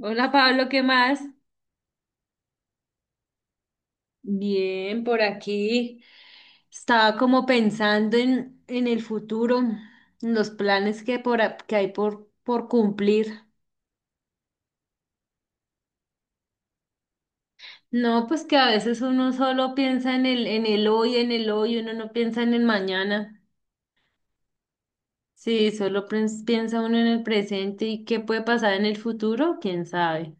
Hola Pablo, ¿qué más? Bien, por aquí. Estaba como pensando en el futuro, en los planes que hay por cumplir. No, pues que a veces uno solo piensa en el hoy, en el hoy, uno no piensa en el mañana. Sí, solo piensa uno en el presente y qué puede pasar en el futuro, quién sabe.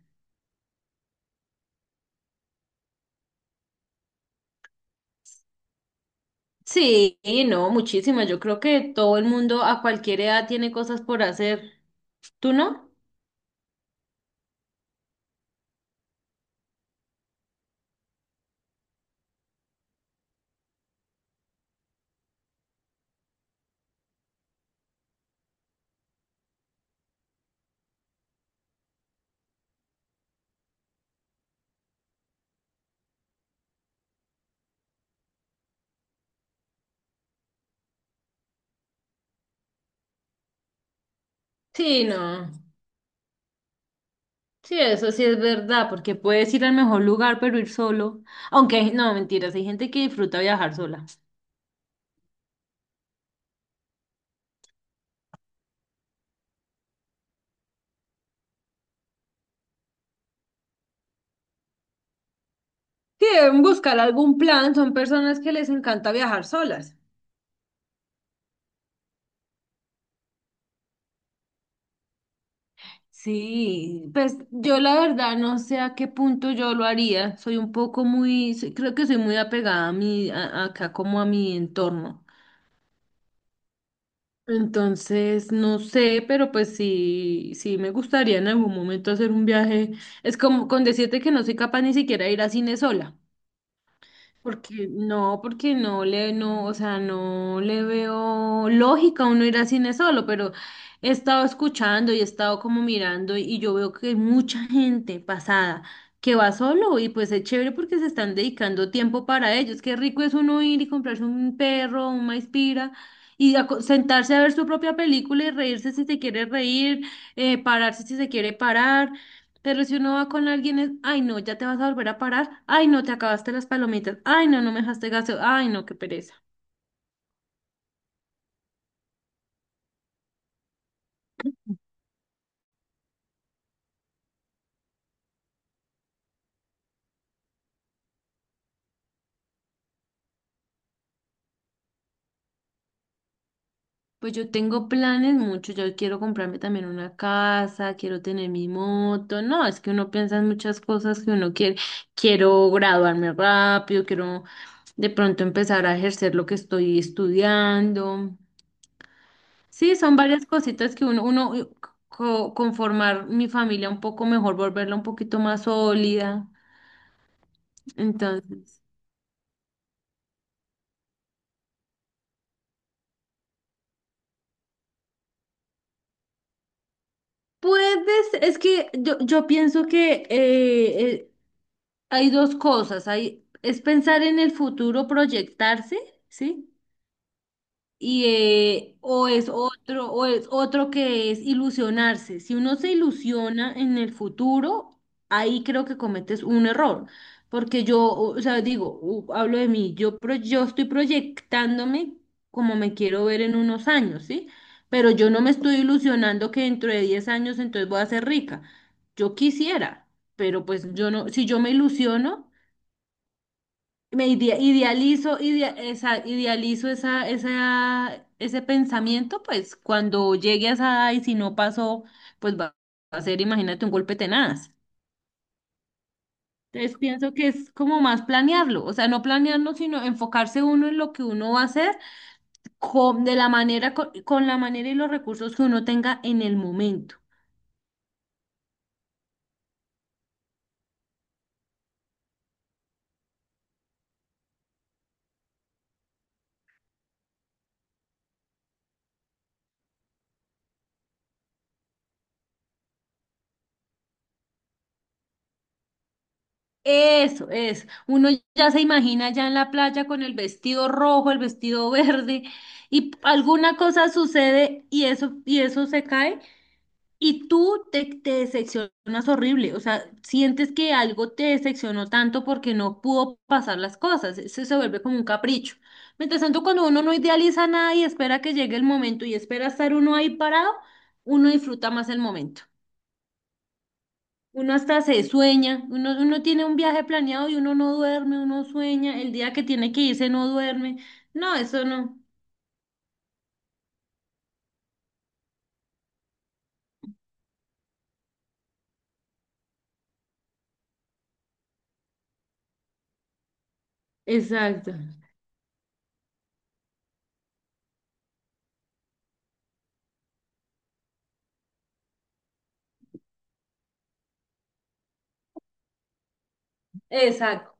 Sí, no, muchísimas. Yo creo que todo el mundo a cualquier edad tiene cosas por hacer. ¿Tú no? Sí, no. Sí, eso sí es verdad, porque puedes ir al mejor lugar, pero ir solo. Aunque, no, mentiras, hay gente que disfruta viajar sola. Sí, deben buscar algún plan, son personas que les encanta viajar solas. Sí, pues yo la verdad no sé a qué punto yo lo haría. Soy un poco muy, creo que soy muy apegada a acá como a mi entorno. Entonces, no sé, pero pues sí, sí me gustaría en algún momento hacer un viaje. Es como con decirte que no soy capaz ni siquiera de ir a cine sola. Porque no, no, o sea, no le veo lógica a uno ir al cine solo, pero he estado escuchando y he estado como mirando y yo veo que hay mucha gente pasada que va solo y pues es chévere porque se están dedicando tiempo para ellos. Qué rico es uno ir y comprarse un perro, un maizpira y sentarse a ver su propia película y reírse si se quiere reír, pararse si se quiere parar. Pero si uno va con alguien es, ay no, ya te vas a volver a parar, ay no, te acabaste las palomitas, ay no, no me dejaste gaso, ay no, qué pereza. Pues yo tengo planes muchos, yo quiero comprarme también una casa, quiero tener mi moto, no, es que uno piensa en muchas cosas que uno quiere, quiero graduarme rápido, quiero de pronto empezar a ejercer lo que estoy estudiando. Sí, son varias cositas que uno conformar mi familia un poco mejor, volverla un poquito más sólida. Entonces... Puedes, es que yo pienso que hay dos cosas, es pensar en el futuro, proyectarse, ¿sí? Y o es otro que es ilusionarse. Si uno se ilusiona en el futuro, ahí creo que cometes un error. Porque yo, o sea, digo, hablo de mí, yo estoy proyectándome como me quiero ver en unos años, ¿sí? Pero yo no me estoy ilusionando que dentro de 10 años entonces voy a ser rica. Yo quisiera, pero pues yo no, si yo me ilusiono, me idealizo, idealizo esa, ese pensamiento, pues cuando llegue a esa edad y si no pasó, pues va a ser, imagínate, un golpe tenaz. Entonces pienso que es como más planearlo, o sea, no planearlo, sino enfocarse uno en lo que uno va a hacer de la manera, con la manera y los recursos que uno tenga en el momento. Eso es. Uno ya se imagina ya en la playa con el vestido rojo, el vestido verde, alguna cosa sucede y eso se cae, y tú te decepcionas horrible. O sea, sientes que algo te decepcionó tanto porque no pudo pasar las cosas. Eso se vuelve como un capricho. Mientras tanto, cuando uno no idealiza nada y espera que llegue el momento y espera estar uno ahí parado, uno disfruta más el momento. Uno hasta se sueña, uno tiene un viaje planeado y uno no duerme, uno sueña, el día que tiene que irse no duerme. No, eso no. Exacto. Exacto.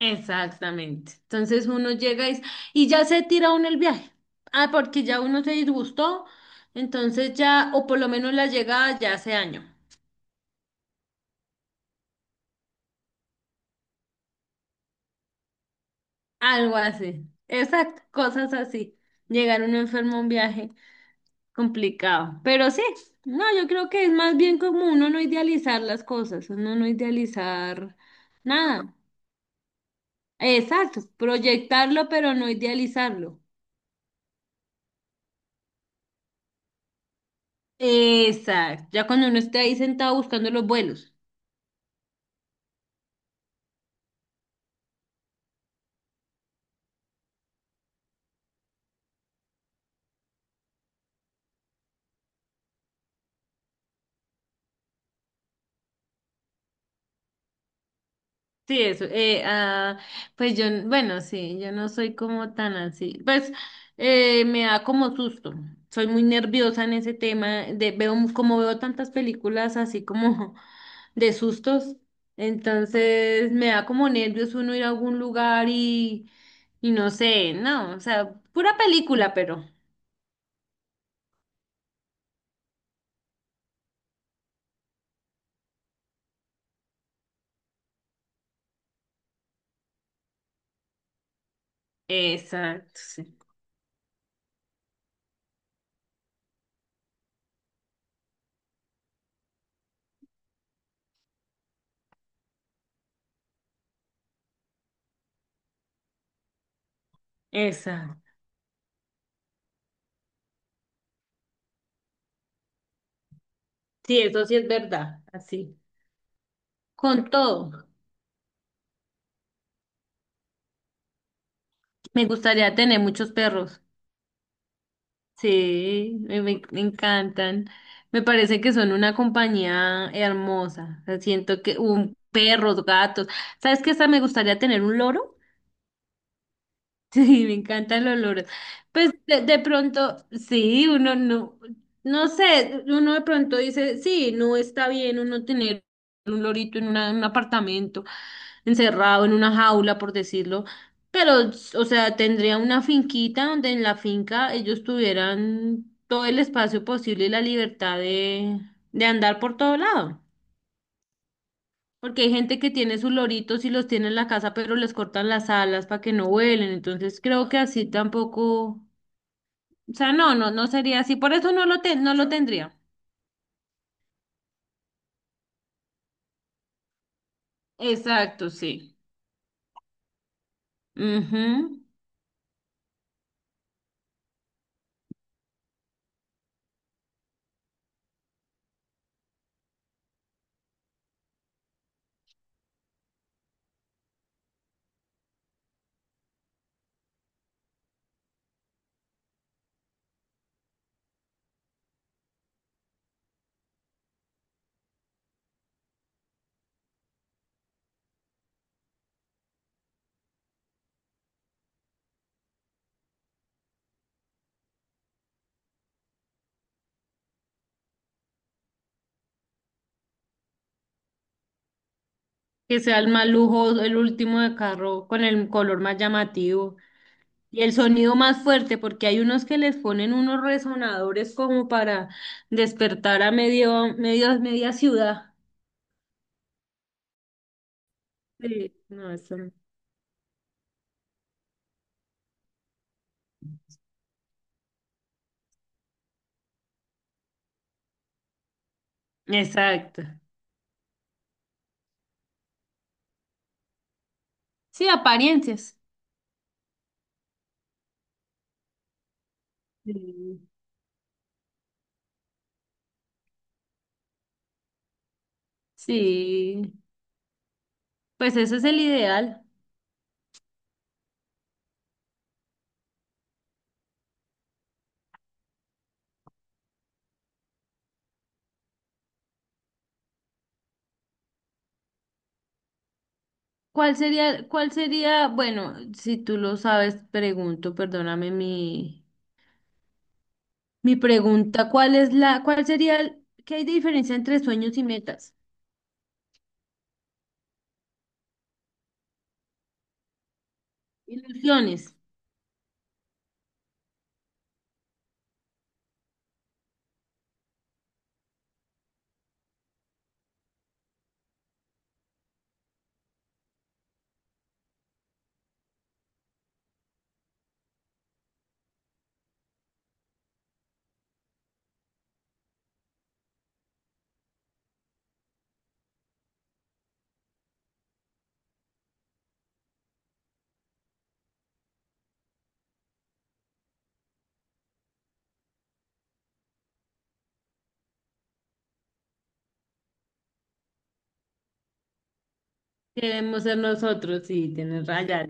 Exactamente. Entonces uno llega y ya se tira uno el viaje. Ah, porque ya uno se disgustó, entonces ya, o por lo menos la llegada ya hace año. Algo así. Exacto, cosas así. Llegar uno enfermo a un viaje. Complicado, pero sí, no, yo creo que es más bien como uno no idealizar las cosas, uno no idealizar nada. Exacto, proyectarlo, pero no idealizarlo. Exacto, ya cuando uno esté ahí sentado buscando los vuelos. Sí, eso. Pues yo, bueno, sí, yo no soy como tan así. Pues me da como susto. Soy muy nerviosa en ese tema. De, veo, como veo tantas películas así como de sustos, entonces me da como nervios uno ir a algún lugar y no sé, no, o sea, pura película, pero. Exacto, sí. Exacto. Sí, eso sí es verdad, así. Con todo, me gustaría tener muchos perros. Sí, me encantan. Me parece que son una compañía hermosa. O sea, siento que un perros, gatos. ¿Sabes qué? Hasta me gustaría tener un loro. Sí, me encantan los loros. Pues de pronto, sí, uno no, no sé, uno de pronto dice, sí, no está bien uno tener un lorito en en un apartamento, encerrado en una jaula, por decirlo, pero, o sea, tendría una finquita donde en la finca ellos tuvieran todo el espacio posible y la libertad de andar por todo lado. Porque hay gente que tiene sus loritos y los tiene en la casa, pero les cortan las alas para que no vuelen. Entonces creo que así tampoco, o sea, no, no, no sería así. Por eso no lo tendría. Exacto, sí. Ujú. Que sea el más lujo, el último de carro con el color más llamativo. Y el sonido más fuerte, porque hay unos que les ponen unos resonadores como para despertar a media ciudad. Sí, no, eso no. Exacto. Sí, apariencias. Sí. Sí, pues ese es el ideal. ¿Cuál sería, bueno, si tú lo sabes, pregunto, perdóname mi pregunta, ¿cuál es la, cuál sería, el- qué hay de diferencia entre sueños y metas? Ilusiones. Queremos ser nosotros, sí, tienes raya.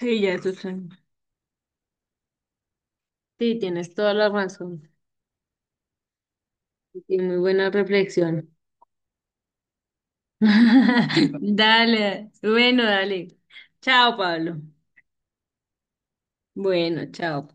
Sí, ya eso es. Sí, tienes toda la razón. Y muy buena reflexión. Dale, bueno, dale. Chao, Pablo. Bueno, chao.